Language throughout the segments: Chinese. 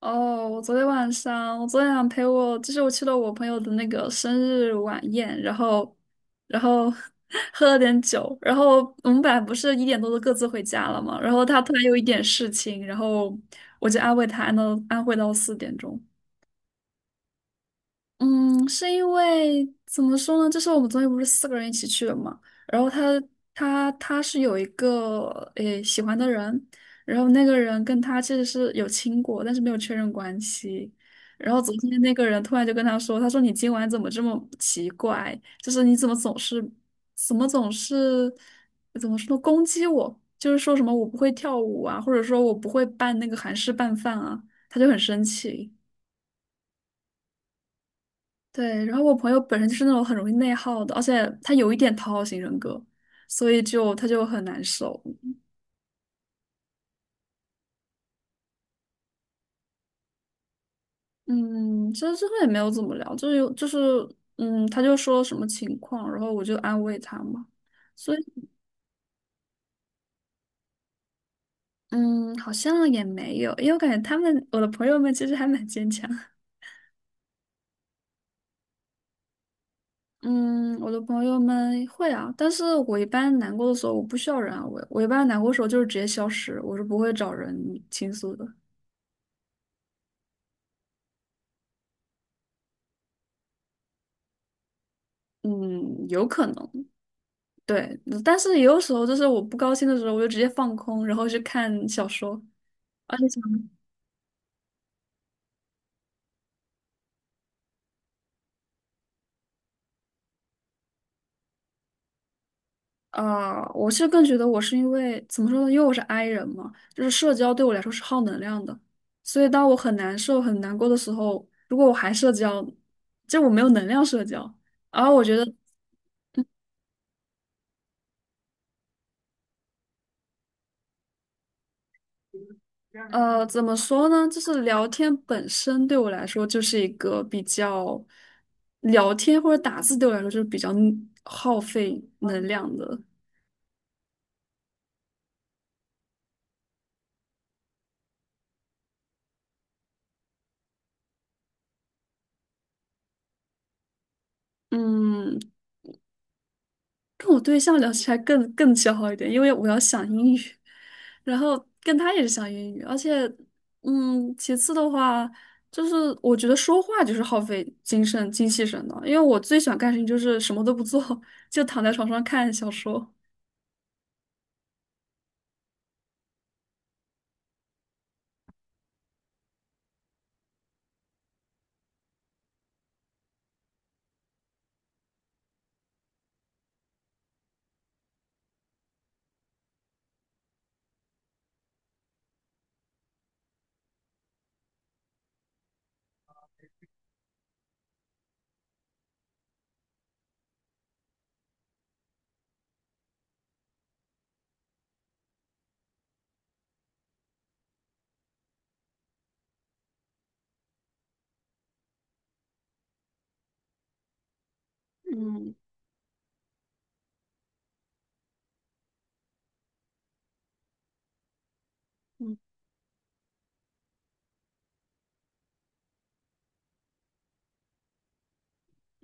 哦，我昨天晚上，陪我，就是我去了我朋友的那个生日晚宴，然后 喝了点酒，然后我们本来不是一点多就各自回家了嘛，然后他突然有一点事情，然后我就安慰他，安慰到四点钟。嗯，是因为怎么说呢？就是我们昨天不是四个人一起去的嘛，然后他是有一个诶喜欢的人，然后那个人跟他其实是有亲过，但是没有确认关系。然后昨天那个人突然就跟他说：“他说你今晚怎么这么奇怪？就是你怎么总是怎么说攻击我？就是说什么我不会跳舞啊，或者说我不会拌那个韩式拌饭啊。”他就很生气。对，然后我朋友本身就是那种很容易内耗的，而且他有一点讨好型人格，所以就他就很难受。嗯，其实最后也没有怎么聊，就是他就说什么情况，然后我就安慰他嘛。所以嗯，好像也没有，因为我感觉他们我的朋友们其实还蛮坚强。嗯，我的朋友们会啊，但是我一般难过的时候，我不需要人安慰，我一般难过的时候就是直接消失，我是不会找人倾诉的。嗯，有可能。对，但是也有时候就是我不高兴的时候，我就直接放空，然后去看小说。而且想，我是更觉得我是因为怎么说呢，因为我是 I 人嘛，就是社交对我来说是耗能量的，所以当我很难受、很难过的时候，如果我还社交，就我没有能量社交。而我觉得，怎么说呢，就是聊天本身对我来说就是一个比较，聊天或者打字对我来说就是比较耗费能量的。嗯，跟我对象聊起来更消耗一点，因为我要想英语，然后跟他也是想英语，而且，其次的话，就是我觉得说话就是耗费精神精气神的，因为我最喜欢干的事情就是什么都不做，就躺在床上看小说。嗯，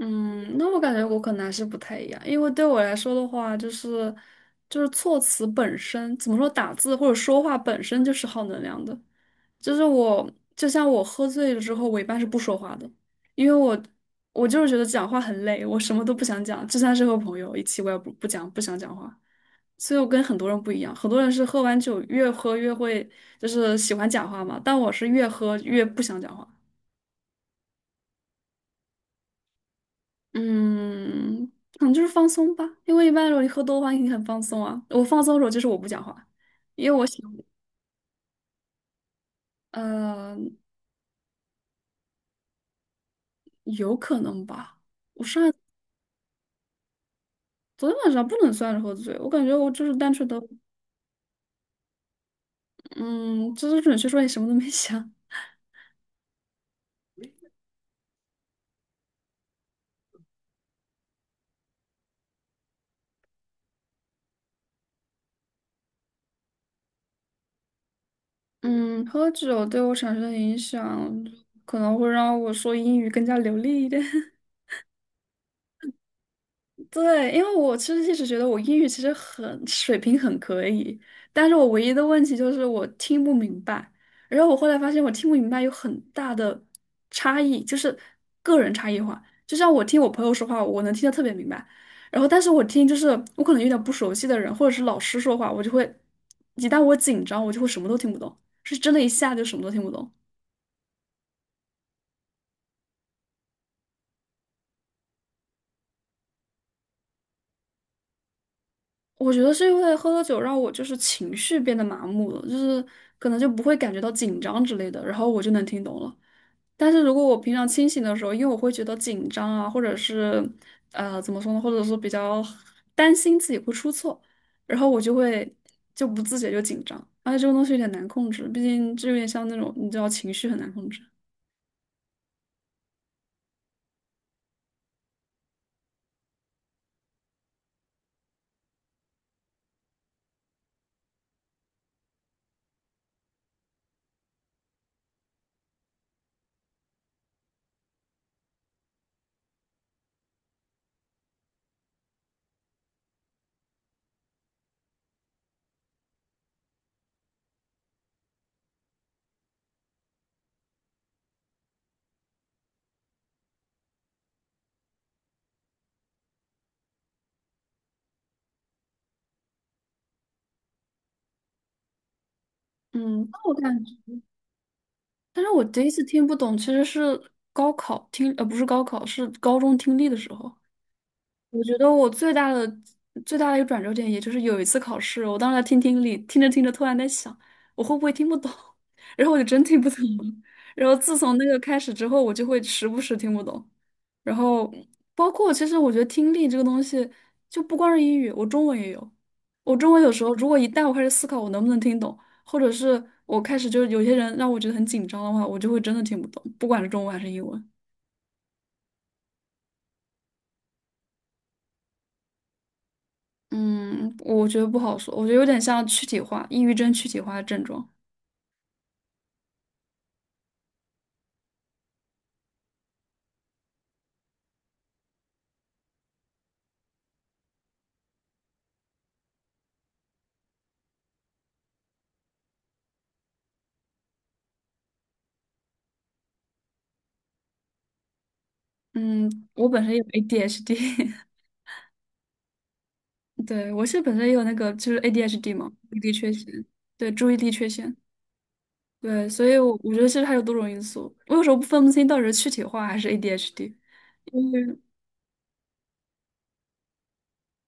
嗯那我感觉我可能还是不太一样，因为对我来说的话，就是就是措辞本身，怎么说打字或者说话本身就是耗能量的。就是我，就像我喝醉了之后，我一般是不说话的，因为我我就是觉得讲话很累，我什么都不想讲，就算是和朋友一起，我也不讲，不想讲话。所以我跟很多人不一样，很多人是喝完酒越喝越会，就是喜欢讲话嘛，但我是越喝越不想讲话。嗯，可能就是放松吧，因为一般如果你喝多的话，你很放松啊。我放松的时候就是我不讲话，因为我喜欢，呃，有可能吧。我上。昨天晚上不能算是喝醉，我感觉我就是单纯的，嗯，就是准确说你什么都没想 嗯，喝酒对我产生的影响，可能会让我说英语更加流利一点。对，因为我其实一直觉得我英语其实很水平很可以，但是我唯一的问题就是我听不明白。然后我后来发现我听不明白有很大的差异，就是个人差异化。就像我听我朋友说话，我能听得特别明白，然后但是我听就是我可能有点不熟悉的人或者是老师说话，我就会一旦我紧张，我就会什么都听不懂，是真的一下就什么都听不懂。我觉得是因为喝了酒让我就是情绪变得麻木了，就是可能就不会感觉到紧张之类的，然后我就能听懂了。但是如果我平常清醒的时候，因为我会觉得紧张啊，或者是怎么说呢，或者是比较担心自己会出错，然后我就会就不自觉就紧张，而且这个东西有点难控制，毕竟这有点像那种你知道情绪很难控制。嗯，但我感觉，但是我第一次听不懂其实是高考听，不是高考，是高中听力的时候。我觉得我最大的最大的一个转折点，也就是有一次考试，我当时在听听力，听着听着，突然在想，我会不会听不懂？然后我就真听不懂了。然后自从那个开始之后，我就会时不时听不懂。然后包括其实我觉得听力这个东西，就不光是英语，我中文也有。我中文有时候如果一旦我开始思考我能不能听懂，或者是我开始就是有些人让我觉得很紧张的话，我就会真的听不懂，不管是中文还是英文。嗯，我觉得不好说，我觉得有点像躯体化，抑郁症躯体化的症状。嗯，我本身有 ADHD，对，我是本身也有那个就是 ADHD 嘛，注意力缺陷，对，注意力缺陷，对，所以我觉得其实还有多种因素，我有时候不清到底是躯体化还是 ADHD，因为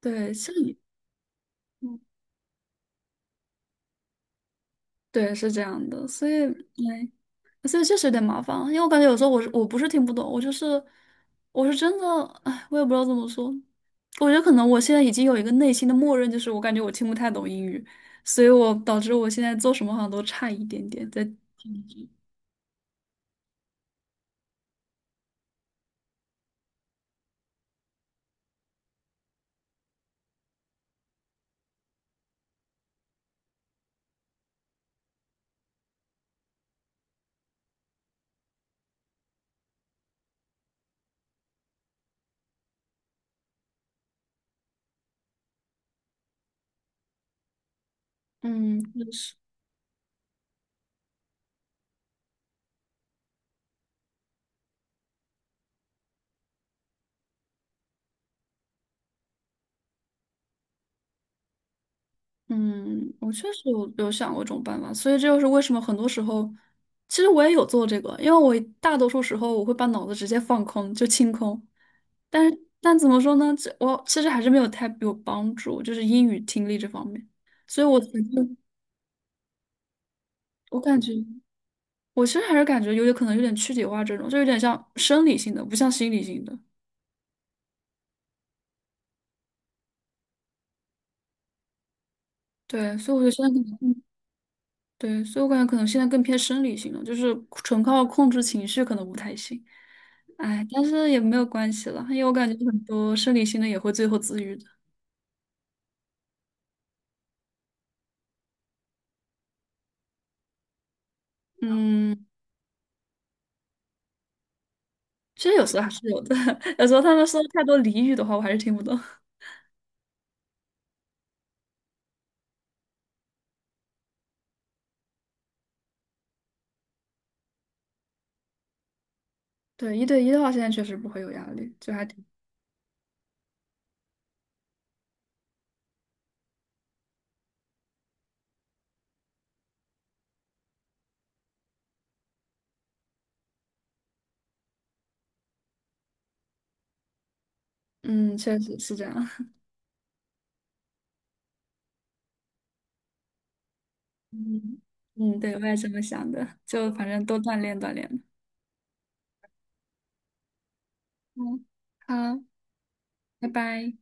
对，像你，嗯对，是这样的，所以，哎。所以确实有点麻烦，因为我感觉有时候我不是听不懂，我就是我是真的，哎，我也不知道怎么说。我觉得可能我现在已经有一个内心的默认，就是我感觉我听不太懂英语，所以我导致我现在做什么好像都差一点点。在听力，嗯，就是。嗯，我确实有想过这种办法，所以这就是为什么很多时候，其实我也有做这个，因为我大多数时候我会把脑子直接放空，就清空。但是，但怎么说呢？这我其实还是没有太有帮助，就是英语听力这方面。所以我觉得我感觉我其实还是感觉有点可能有点躯体化这种，就有点像生理性的，不像心理性的。对，所以我就得现在可能对，所以我感觉可能现在更偏生理性了，就是纯靠控制情绪可能不太行。哎，但是也没有关系了，因为我感觉很多生理性的也会最后自愈的。嗯，其实有时候还是有的，有时候他们说太多俚语的话，我还是听不懂。对，一对一的话，现在确实不会有压力，就还挺，嗯，确实是这样。嗯嗯，对，我也这么想的，就反正多锻炼锻炼。嗯，好，拜拜。